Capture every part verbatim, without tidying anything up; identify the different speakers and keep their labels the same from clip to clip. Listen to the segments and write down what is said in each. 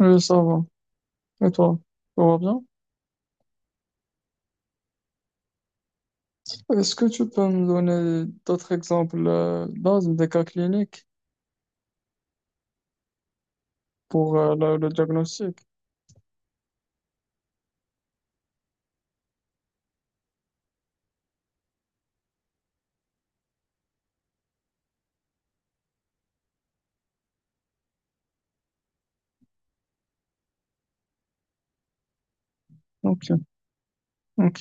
Speaker 1: Oui, ça va. Et toi, tout va bien? Est-ce que tu peux me donner d'autres exemples euh, dans des cas cliniques pour euh, le, le diagnostic? Ok, ok.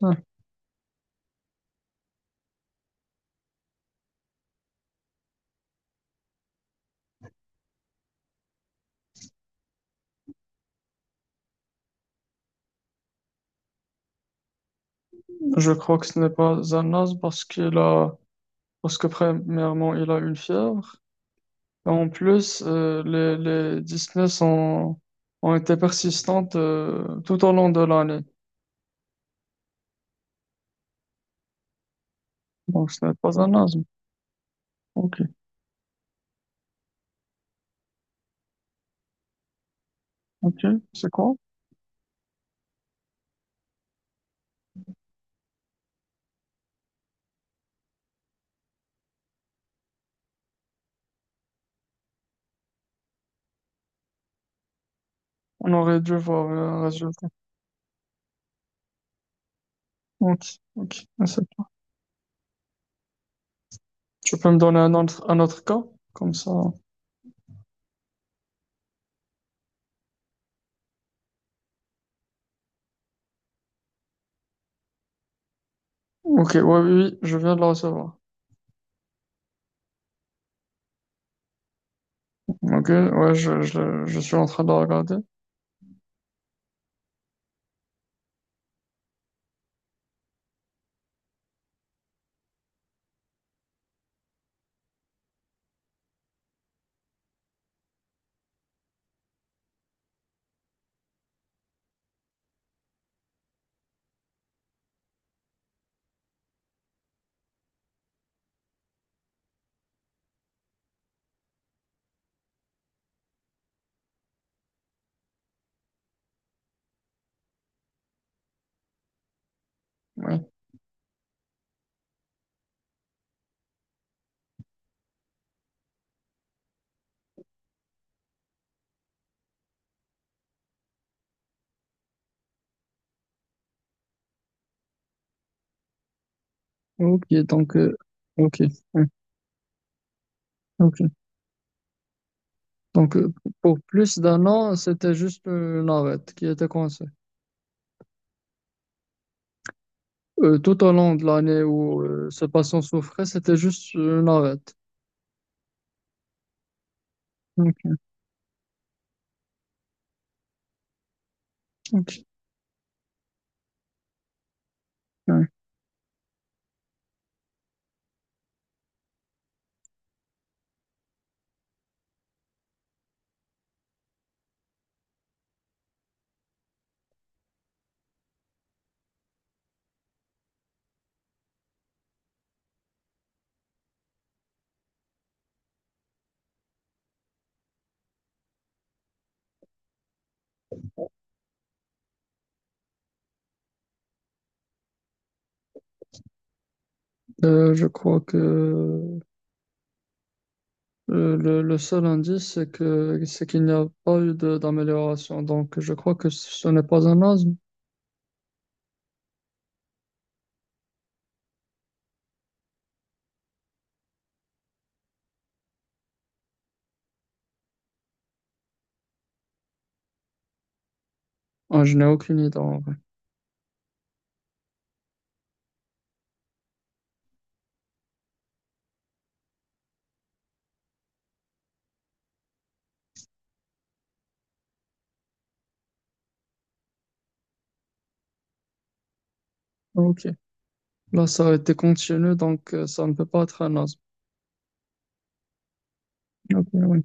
Speaker 1: Ouais. Je crois que ce n'est pas un asthme parce qu'il a, parce que premièrement, il a une fièvre. Et en plus, euh, les, les dyspnées sont, ont été persistantes euh, tout au long de l'année. Donc, ce n'est pas un asthme. Ok, ok. C'est quoi? On aurait dû voir euh, un résultat. Ok, ok. Tu peux me donner un autre, un autre cas? Comme ça. Ok, ouais, oui, oui, je viens de la recevoir. Ok, ouais, je, je, je suis en train de la regarder. Ouais. Ok, donc, euh, ok, ouais, ok. Donc, euh, pour plus d'un an, c'était juste euh, l'arête qui était coincée. Euh, tout au long de l'année où euh, ce patient souffrait, c'était juste euh, une arête. Ok, ok, ouais. Euh, je crois que Euh, Le, le seul indice, c'est que, c'est qu'il n'y a pas eu de- d'amélioration. Donc, je crois que ce n'est pas un asthme. Ah, je n'ai aucune idée en vrai. Ah, ok. Là, ça a été continu, donc euh, ça ne peut pas être un asthme. Ok, oui.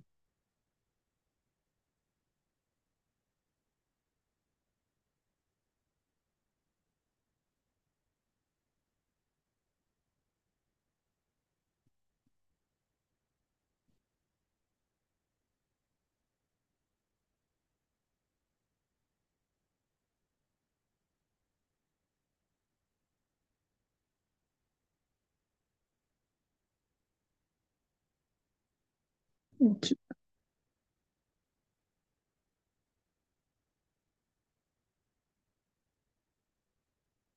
Speaker 1: Ok.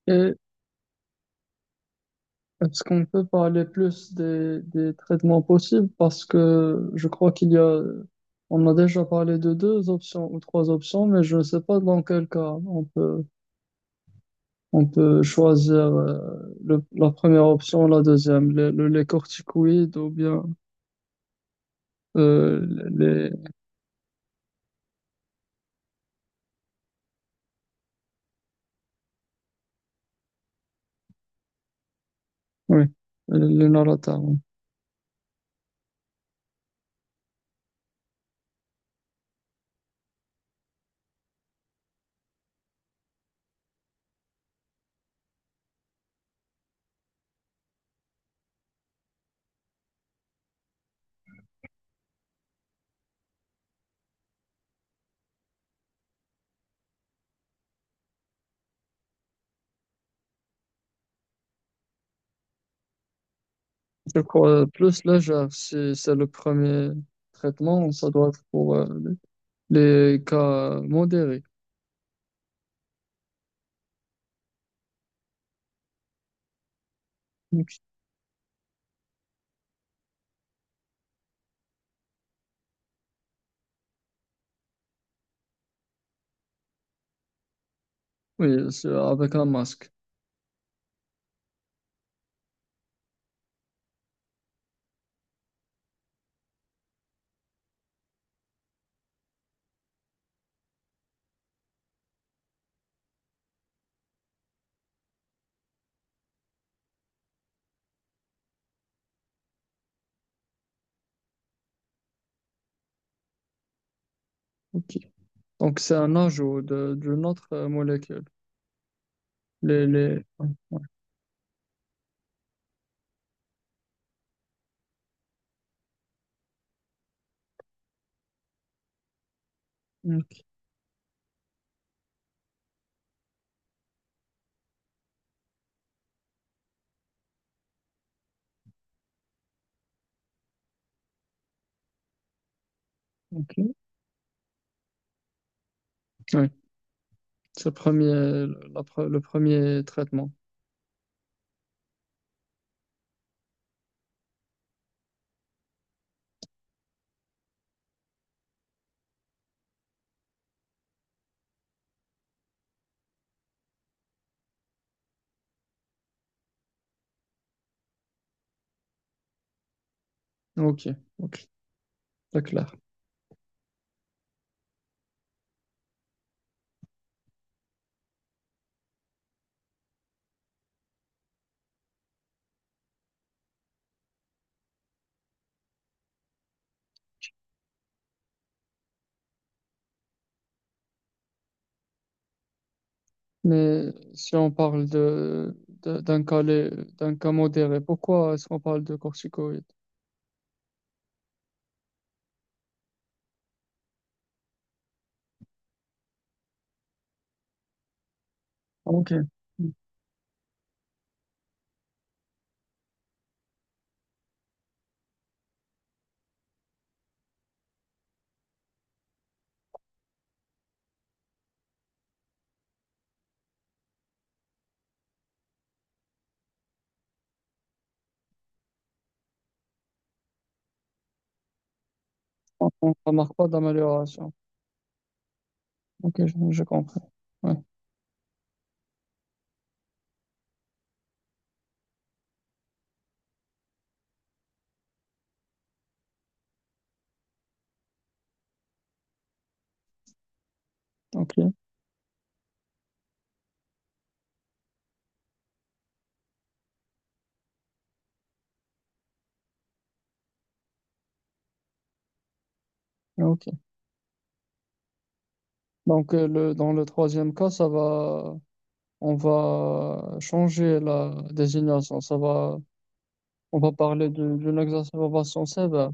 Speaker 1: Et est-ce qu'on peut parler plus des, des traitements possibles? Parce que je crois qu'il y a, on a déjà parlé de deux options ou trois options, mais je ne sais pas dans quel cas on peut. On peut choisir euh, le- la première option, la deuxième, le- le- les, corticoïdes ou bien euh, les, oui, les Narataron. Je crois euh, plus légère, si c'est le premier traitement, ça doit être pour euh, les cas modérés. Ok. Oui, c'est avec un masque. Ok. Donc c'est un ajout de- d'une autre euh, molécule. Les, les... ouais, ouais. Ok, ok. Oui, c'est le premier, le, la pre- le premier traitement. Ok, ok, c'est clair. Mais si on parle de, de- d'un cas, lé- d'un cas modéré, pourquoi est-ce qu'on parle de corticoïdes? Ok. On ne remarque pas d'amélioration. Ok, je, je comprends. Ouais, ok, ok. Donc, euh, le, dans le troisième cas, ça va, on va changer la désignation. Ça va, on va parler de- d'une exacerbation sévère.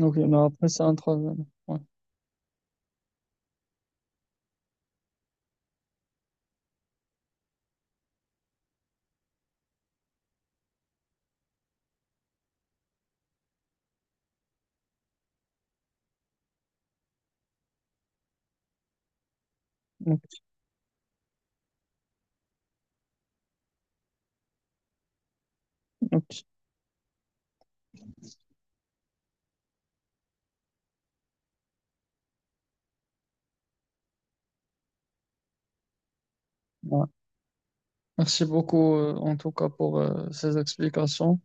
Speaker 1: Ok, mais après, c'est un troisième. Ouais, ok, ok. Ouais. Merci beaucoup, euh, en tout cas, pour euh, ces explications.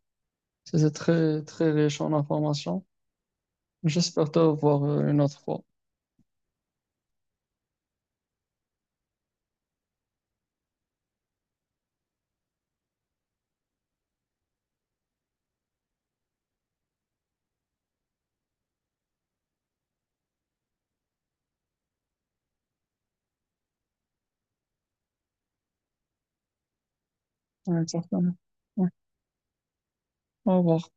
Speaker 1: C'était très, très riche en informations. J'espère te revoir euh, une autre fois. Ouais, certainement. Ouais. Au revoir.